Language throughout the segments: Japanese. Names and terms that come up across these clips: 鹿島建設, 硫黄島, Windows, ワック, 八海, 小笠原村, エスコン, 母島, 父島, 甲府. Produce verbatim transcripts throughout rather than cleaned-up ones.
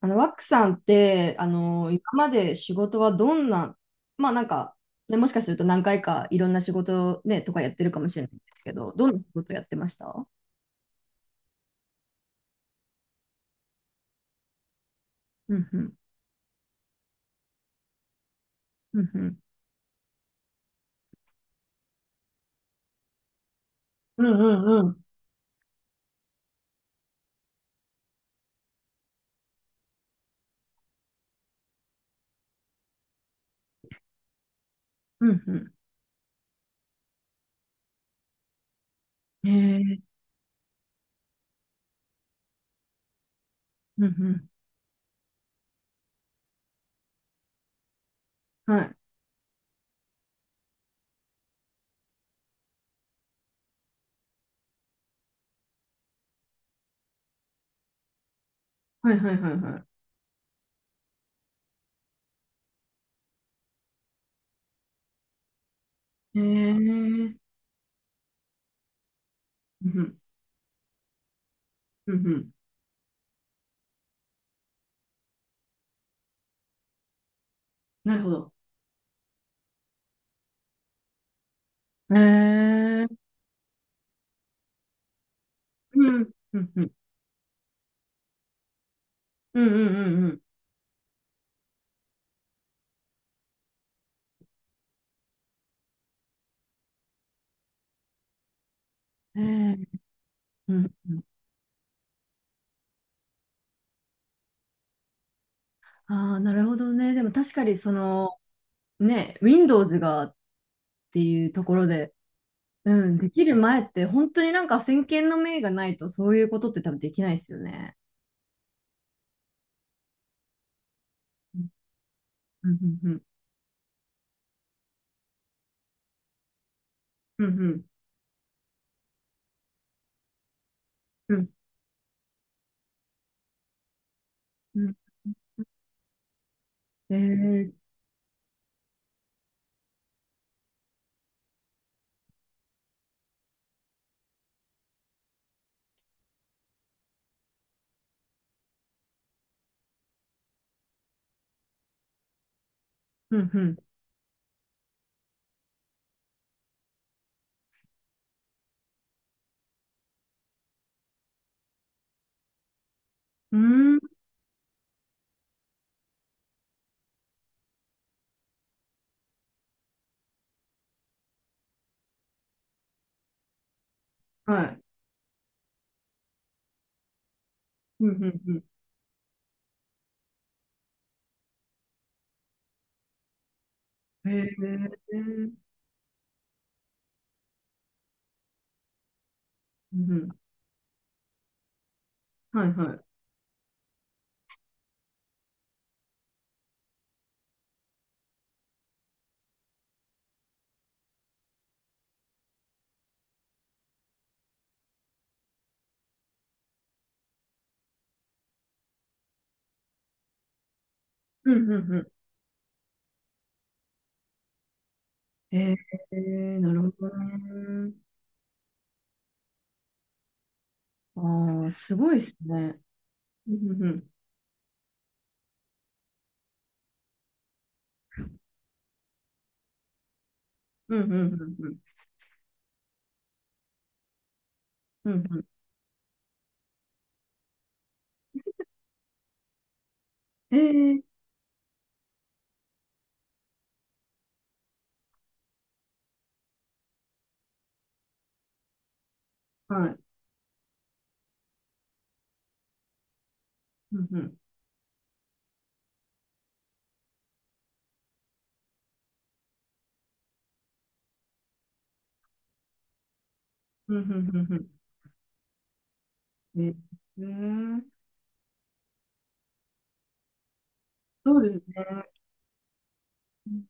あの、ワックさんって、あの、今まで仕事はどんな、まあなんか、ね、もしかすると何回かいろんな仕事ね、とかやってるかもしれないんですけど、どんな仕事やってました？うんうん。うんうん。うんうんうん。うんうん。へえ。うんうん。はい。はいはいはいはい。へえ。うんうん。うんうん。なるほど。へえ。うん。うんうん。うんうんうんうん。へえ。うんうん。ああ、なるほどね。でも確かにその、ね、Windows がっていうところで、うん、できる前って本当になんか先見の明がないとそういうことって多分できないですよね。うん、うん、うん、うん、うん、うん。えー、うん、うん、うーん、はい。うん、うん、うん。へえー、うん、うん、はいはい。うん、うん、うん。へえー、なるほどね。ああ、すごいですね。うん、うん、うん、うん、うん、うん、うん。うんええ、はい。うん、うん、うん、うん、うん。うんえー、そうですね。うん、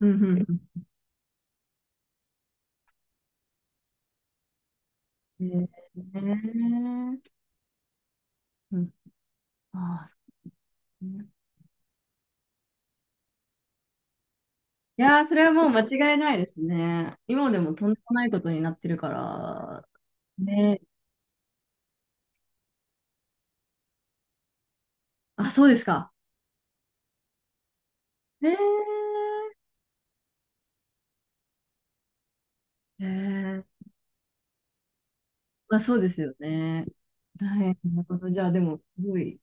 うん、うん。うんねえうん。ああ、そうね。いやー、それはもう間違いないですね。今でもとんでもないことになってるから、ねえ。あ、そうですか。ええええ、まあ、そうですよね。はい。なるほど。じゃあ、でも、すごい。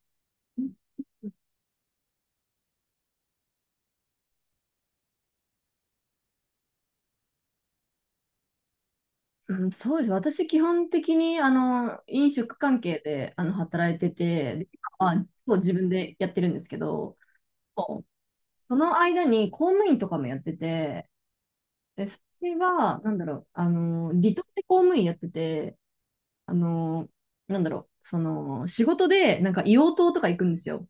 うん、そうです。私、基本的に、あの、飲食関係で、あの、働いてて、で、まあ、そう、自分でやってるんですけど、その間に公務員とかもやってて、で、それは、なんだろう、あの、離島で公務員やってて、あの、なんだろう、その、仕事で、なんか硫黄島とか行くんですよ。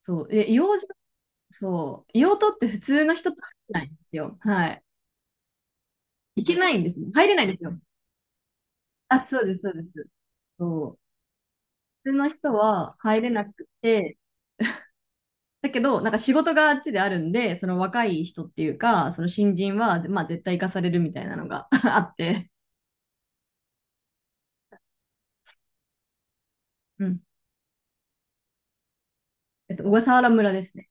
そう。で、硫黄島、そう、硫黄島って普通の人と入れないんですよ。はい。行けないんですよ。入れないんですよ。あ、そうです、そうです。そう。普通の人は入れなくて、だけど、なんか仕事があっちであるんで、その若い人っていうか、その新人は、まあ絶対行かされるみたいなのが あって。うん、えっと、小笠原村ですね。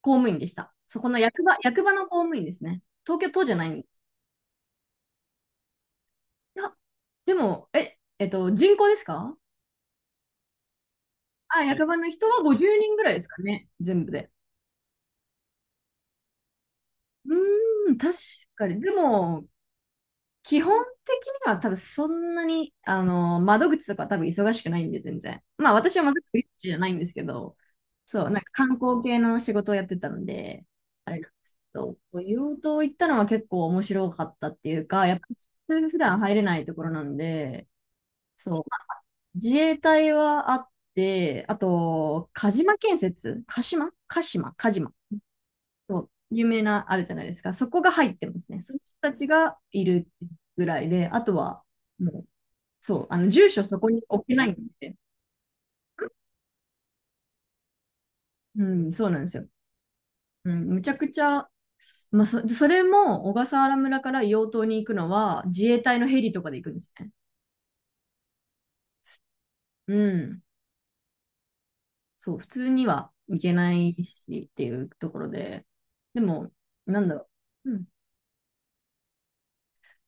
公務員でした。そこの役場、役場の公務員ですね。東京都じゃないんです。いや、でも、え、えっと、人口ですか？あ、役場の人はごじゅうにんぐらいですかね、全部で。うーん、確かに。でも、基本的には多分そんなに、あの、窓口とか多分忙しくないんで、全然。まあ私は窓口じゃないんですけど、そう、なんか観光系の仕事をやってたので、あれなんですけど、硫黄島行ったのは結構面白かったっていうか、やっぱ普通普段入れないところなんで、そう、まあ自衛隊はあって、あと、鹿島建設、鹿島鹿島鹿島、そう有名なあるじゃないですか。そこが入ってますね。その人たちがいるぐらいで、あとは、もう、そう、あの、住所そこに置けないんで。うん、そうなんですよ。うん、むちゃくちゃ、まあ、そそれも小笠原村から硫黄島に行くのは自衛隊のヘリとかで行くんですね。うん。そう、普通には行けないしっていうところで、でも、なんだろう。うん、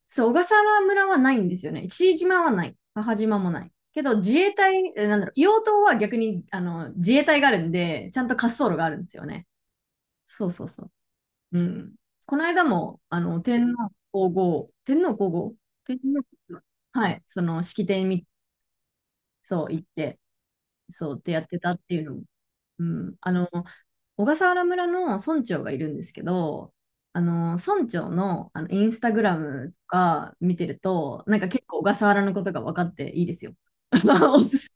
そう、小笠原村はないんですよね。父島はない。母島もない。けど、自衛隊、え、なんだろう、硫黄島は逆にあの自衛隊があるんで、ちゃんと滑走路があるんですよね。そうそうそう。うん。この間も、あの、天皇皇后、天皇皇后、天皇、はい、その式典に、そう、行って、そうってやってたっていうのも。うん。あの、小笠原村の村長がいるんですけど、あの、村長の、あのインスタグラムとか見てると、なんか結構小笠原のことが分かっていいですよ。おすす、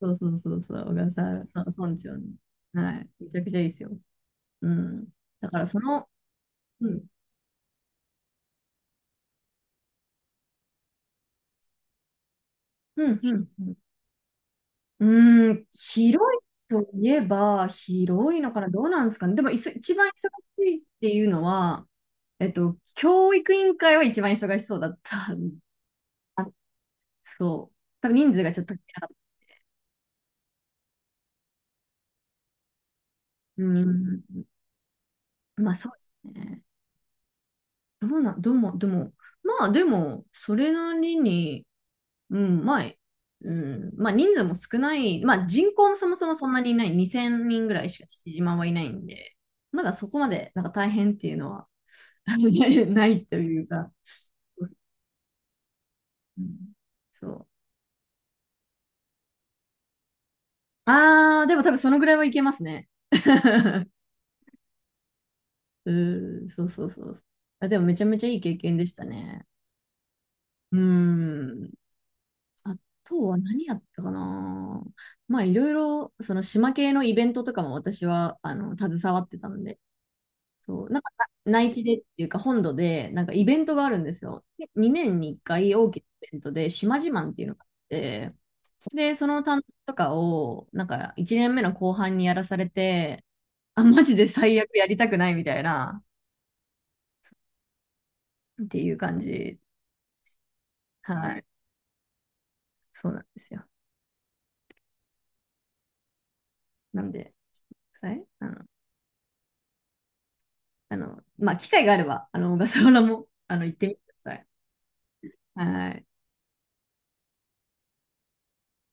そうそうそうそう、小笠原、そう、村長の。はい。めちゃくちゃいいですよ。うん。だからその、うん、うん、うん。うん、うん広いといえば、広いのかな、どうなんですかね。でも、いそ一番忙しいっていうのは、えっと、教育委員会は一番忙しそうだった。 あ、そう。多分人数がちょっと足りなかった。うん。まあそうですね。どうな、どうも、でも、まあでも、それなりに、うん、まあ、うん、まあ人数も少ない、まあ人口もそもそもそんなにいない、にせんにんぐらいしか父島はいないんで、まだそこまでなんか大変っていうのは ないというか、うん、そう。ああ、でも多分そのぐらいはいけますね。うー、そうそうそうそう。あ、でもめちゃめちゃいい経験でしたね。うーん。あとは何やったかな。まあいろいろ、その島系のイベントとかも私は、あの、携わってたので、そう、なんかな内地でっていうか本土で、なんかイベントがあるんですよ。で、にねんにいっかい大きなイベントで、島自慢っていうのがあって、で、その担当とかを、なんかいちねんめの後半にやらされて、あ、マジで最悪やりたくないみたいな、っていう感じ。はい。そうなんですよ。なんで、ちょっとください。あの、あのまあ、機会があれば、あの、小笠原も、あの、行ってみてください。はい。